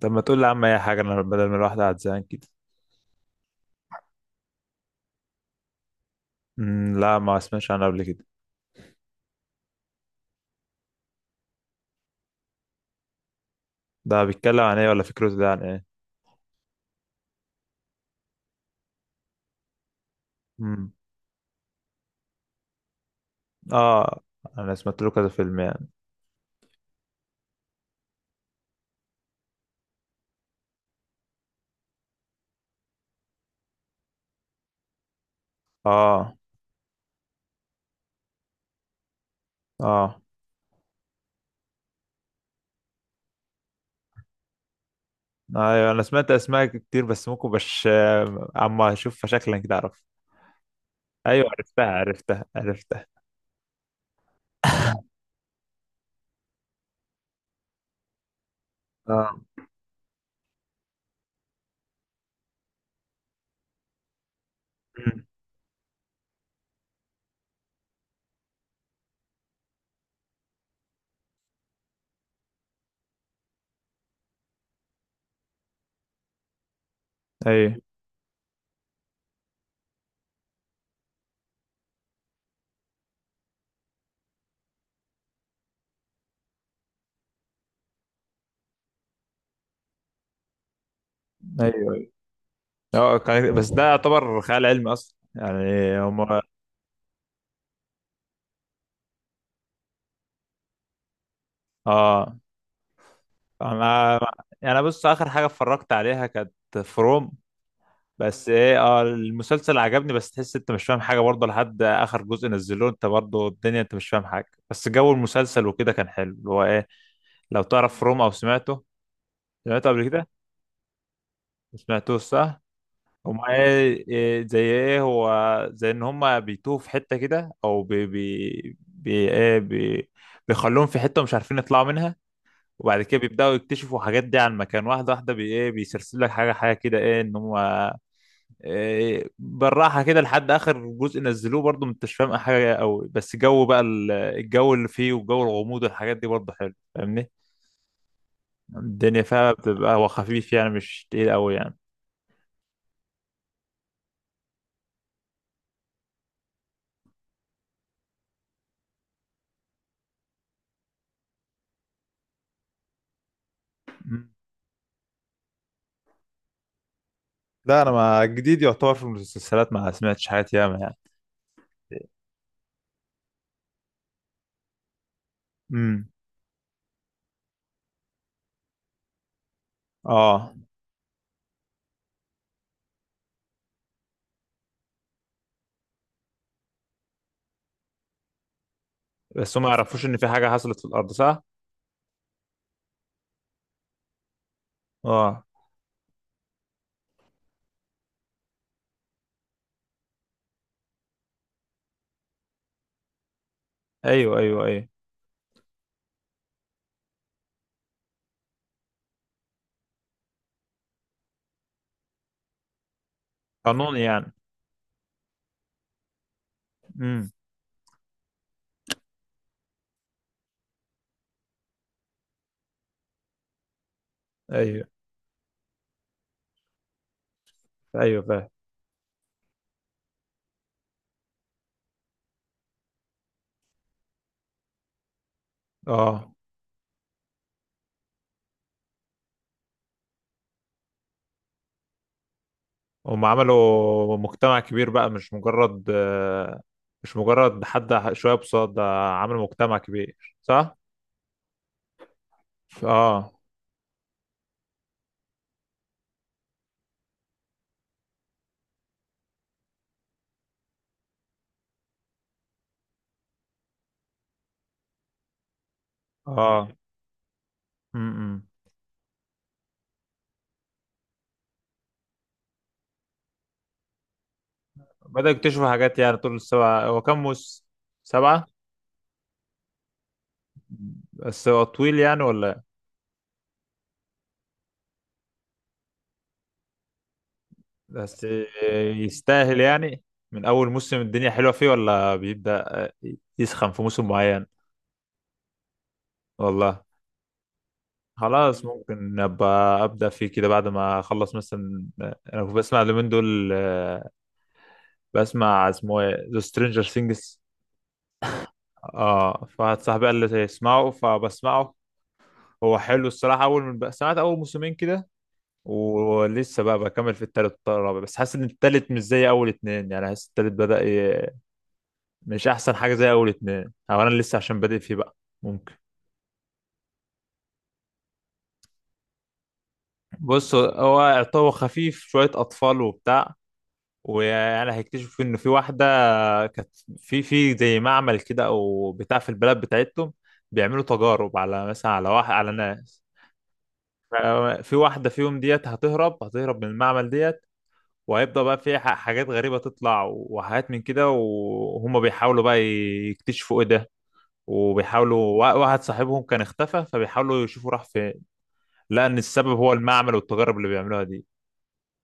طب ما تقول لي يا عم اي حاجه، انا بدل ما الواحد قاعد زهقان كده. لا، ما سمعتش عنه قبل كده. ده بيتكلم عن ايه، ولا فكرته ده عن ايه؟ امم اه، انا سمعت له كذا فيلم يعني. اه، اه، ايوه، انا سمعت اسماء كتير، بس ممكن بش آه، اما اشوف شكلا كده اعرف. ايوه، عرفتها، عرفتها، عرفتها. اه. أمم، ايوه، ايوه، ايوه. اه، بس ده يعتبر خيال علمي اصلا يعني هم. اه، انا يعني بص، اخر حاجه اتفرجت عليها كانت فروم. بس ايه اه المسلسل عجبني، بس تحس انت مش فاهم حاجه برضه لحد اخر جزء نزلوه، انت برضه الدنيا انت مش فاهم حاجه، بس جو المسلسل وكده كان حلو، اللي هو ايه، لو تعرف روم او سمعته. سمعته قبل كده، ما سمعتوش صح؟ هما ايه، إيه زي ايه هو، زي ان هما بيتوه في حته كده، او بي بي, بي ايه بي بيخلوهم في حته مش عارفين يطلعوا منها. وبعد كده بيبداوا يكتشفوا حاجات دي عن مكان، واحده واحده، بي ايه بيسلسل لك حاجه حاجه كده، ايه ان هم إيه، بالراحة كده لحد آخر جزء نزلوه، برضو انت مش فاهم حاجة قوي، بس جو بقى الجو اللي فيه والجو الغموض والحاجات دي برضو حلو، فاهمني. الدنيا فيها بتبقى هو خفيف يعني مش تقيل قوي يعني. مم. لا، انا ما جديد يعتبر في المسلسلات، ما سمعتش حاجات ياما يعني. امم. اه. بس هم ما يعرفوش ان في حاجة حصلت في الارض صح؟ اه، ايوه، ايوه، ايوه. قانوني يعني. امم. ايوه، ايوه، فاهم. اه، هم عملوا مجتمع كبير بقى، مش مجرد مش مجرد حد شوية بصاد ده، عملوا مجتمع كبير صح؟ اه، اه. امم. بدأوا يكتشفوا حاجات يعني، طول السبعة هو كام موسم؟ سبعة؟ بس هو طويل يعني ولا إيه؟ بس يستاهل يعني، من أول موسم الدنيا حلوة فيه، ولا بيبدأ يسخن في موسم معين؟ والله. خلاص، ممكن أبقى أبدأ فيه كده بعد ما أخلص مثلا. أنا كنت بسمع اليومين دول، بسمع اسمه ايه ذا سترينجر سينجز. اه، فواحد صاحبي قال لي اسمعه فبسمعه. هو حلو الصراحة، أول من بقى سمعت أول موسمين كده. ولسه بقى بكمل في التالت والرابع، بس حاسس إن التالت مش زي أول اتنين يعني، حاسس التالت بدأ مش أحسن حاجة زي أول اتنين، أو أنا لسه عشان بادئ فيه بقى، ممكن. بص هو خفيف شوية أطفال وبتاع، ويعني هيكتشفوا ان في واحده كانت، في زي معمل كده او بتاع في البلد بتاعتهم، بيعملوا تجارب على مثلا على واحد على ناس، في واحده فيهم ديت هتهرب هتهرب من المعمل ديت، وهيبدأ بقى في حاجات غريبة تطلع وحاجات من كده، وهم بيحاولوا بقى يكتشفوا ايه ده، وبيحاولوا واحد صاحبهم كان اختفى، فبيحاولوا يشوفوا راح فين لأن السبب هو المعمل والتجارب اللي بيعملوها دي.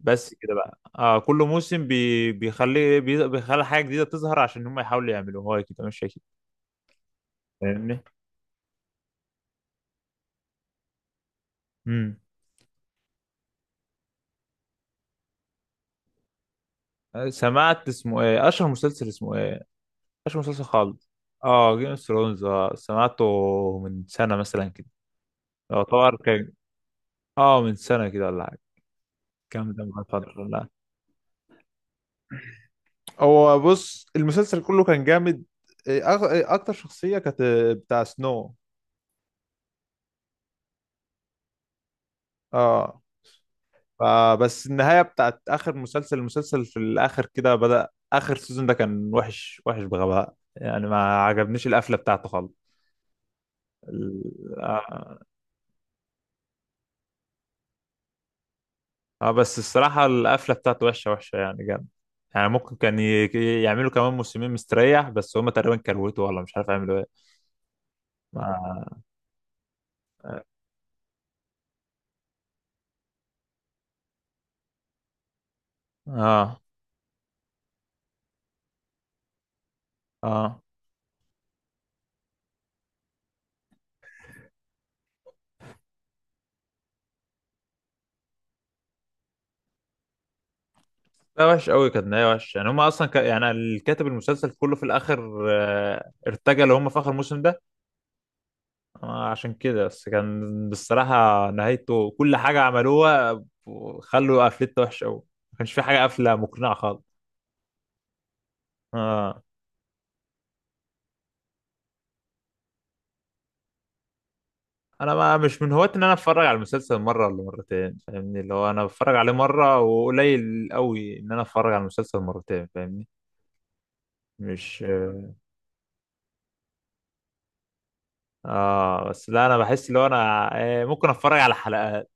بس كده بقى كل موسم بيخلي بيخلي حاجة جديدة تظهر، عشان هم يحاولوا يعملوها كده مش أكيد، فاهمني. امم. سمعت اسمه ايه أشهر مسلسل اسمه ايه، أشهر مسلسل خالص. اه، جيم اوف ثرونز، اه، سمعته. من سنة مثلا كده. يعتبر كان، اه، من سنة كده ولا حاجة. كام ده من فترة، لا. هو بص المسلسل كله كان جامد، إيه، أغ- إيه، اكتر شخصية كانت بتاع سنو. اه. فبس النهاية بتاعت آخر المسلسل في الآخر كده، بدأ آخر سيزون ده كان وحش وحش بغباء يعني، ما عجبنيش القفلة بتاعته خالص. ال- آه بس الصراحة القفلة بتاعته وحشة وحشة يعني جامد. يعني ممكن كان يعملوا كمان موسمين مستريح، بس هما تقريبا كروته ولا مش عارف يعملوا ايه. ما- اه، اه، آه. لا وحش قوي كانت نهاية وحش يعني، هما اصلا يعني الكاتب المسلسل كله في الاخر ارتجل، هما في اخر موسم ده عشان كده بس كان بصراحة نهايته كل حاجة عملوها خلوا قفلته وحشة أوي، ما كانش في حاجة قافلة مقنعة خالص. آه. أنا ما مش من هواة إن أنا أتفرج على المسلسل مرة ولا مرتين، فاهمني اللي هو أنا بتفرج عليه مرة، وقليل أوي إن أنا أتفرج على المسلسل مرتين، فاهمني. مش اه، بس لا انا بحس اللي هو انا ممكن اتفرج على حلقات.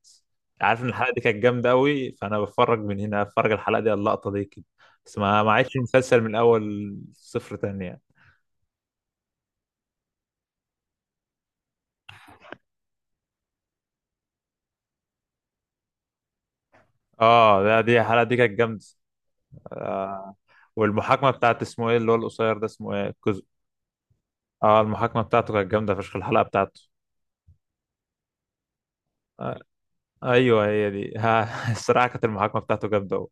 عارف ان الحلقه دي كانت جامده قوي، فانا بتفرج من هنا، اتفرج على الحلقه دي على اللقطه دي كده. بس ما عادش المسلسل من الاول صفر تاني يعني. اه، لا دي الحلقه دي كانت جامده. آه، والمحاكمه بتاعت اسمه ايه اللي هو القصير ده اسمه ايه الكز. اه، المحاكمه بتاعته كانت جامده فشخ الحلقه بتاعته. آه، ايوه هي دي ها، الصراحه كانت المحاكمه بتاعته جامده قوي.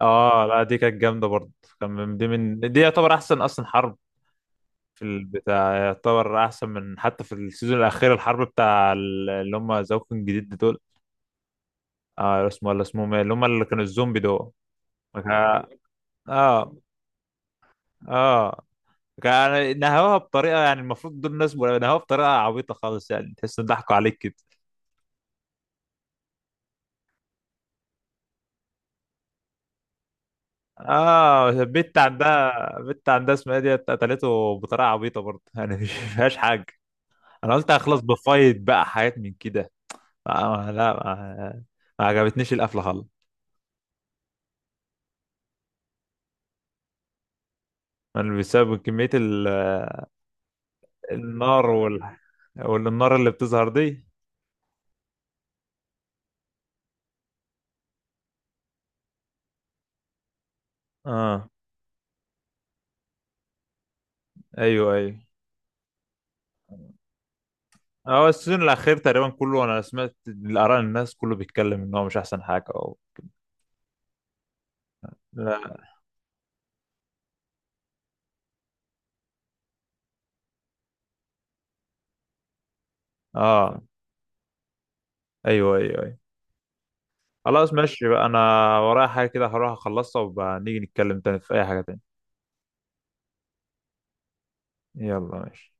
اه، لا دي كانت جامده برضه. كان من دي يعتبر احسن اصلا حرب في البتاع، يعتبر احسن من حتى في السيزون الاخير الحرب بتاع اللي هم زوكن جديد دول. اه، اسمه ولا اسمهم ايه اللي هم اللي كانوا الزومبي دول. كا- اه، اه، كان نهوها بطريقه يعني، المفروض دول الناس نهوها بطريقه عبيطه خالص يعني تحس ان ضحكوا عليك كده. اه، البت عندها اسمها إيه دي قتلته بطريقه عبيطه برضه يعني مش فيهاش حاجه. انا قلت هخلص بفايت بقى حاجات من كده، آه لا ما عجبتنيش القفله خالص. بسبب كميه النار والنار اللي بتظهر دي. اه، ايوه، ايوه، هو السيزون الاخير تقريبا كله، انا سمعت الاراء الناس كله بيتكلم ان هو مش احسن حاجه لا. اه، ايوه، ايوه، ايوه. خلاص ماشي بقى، انا ورايا حاجه كده، هروح اخلصها وبقى نيجي نتكلم تاني في اي حاجه تاني. يلا ماشي.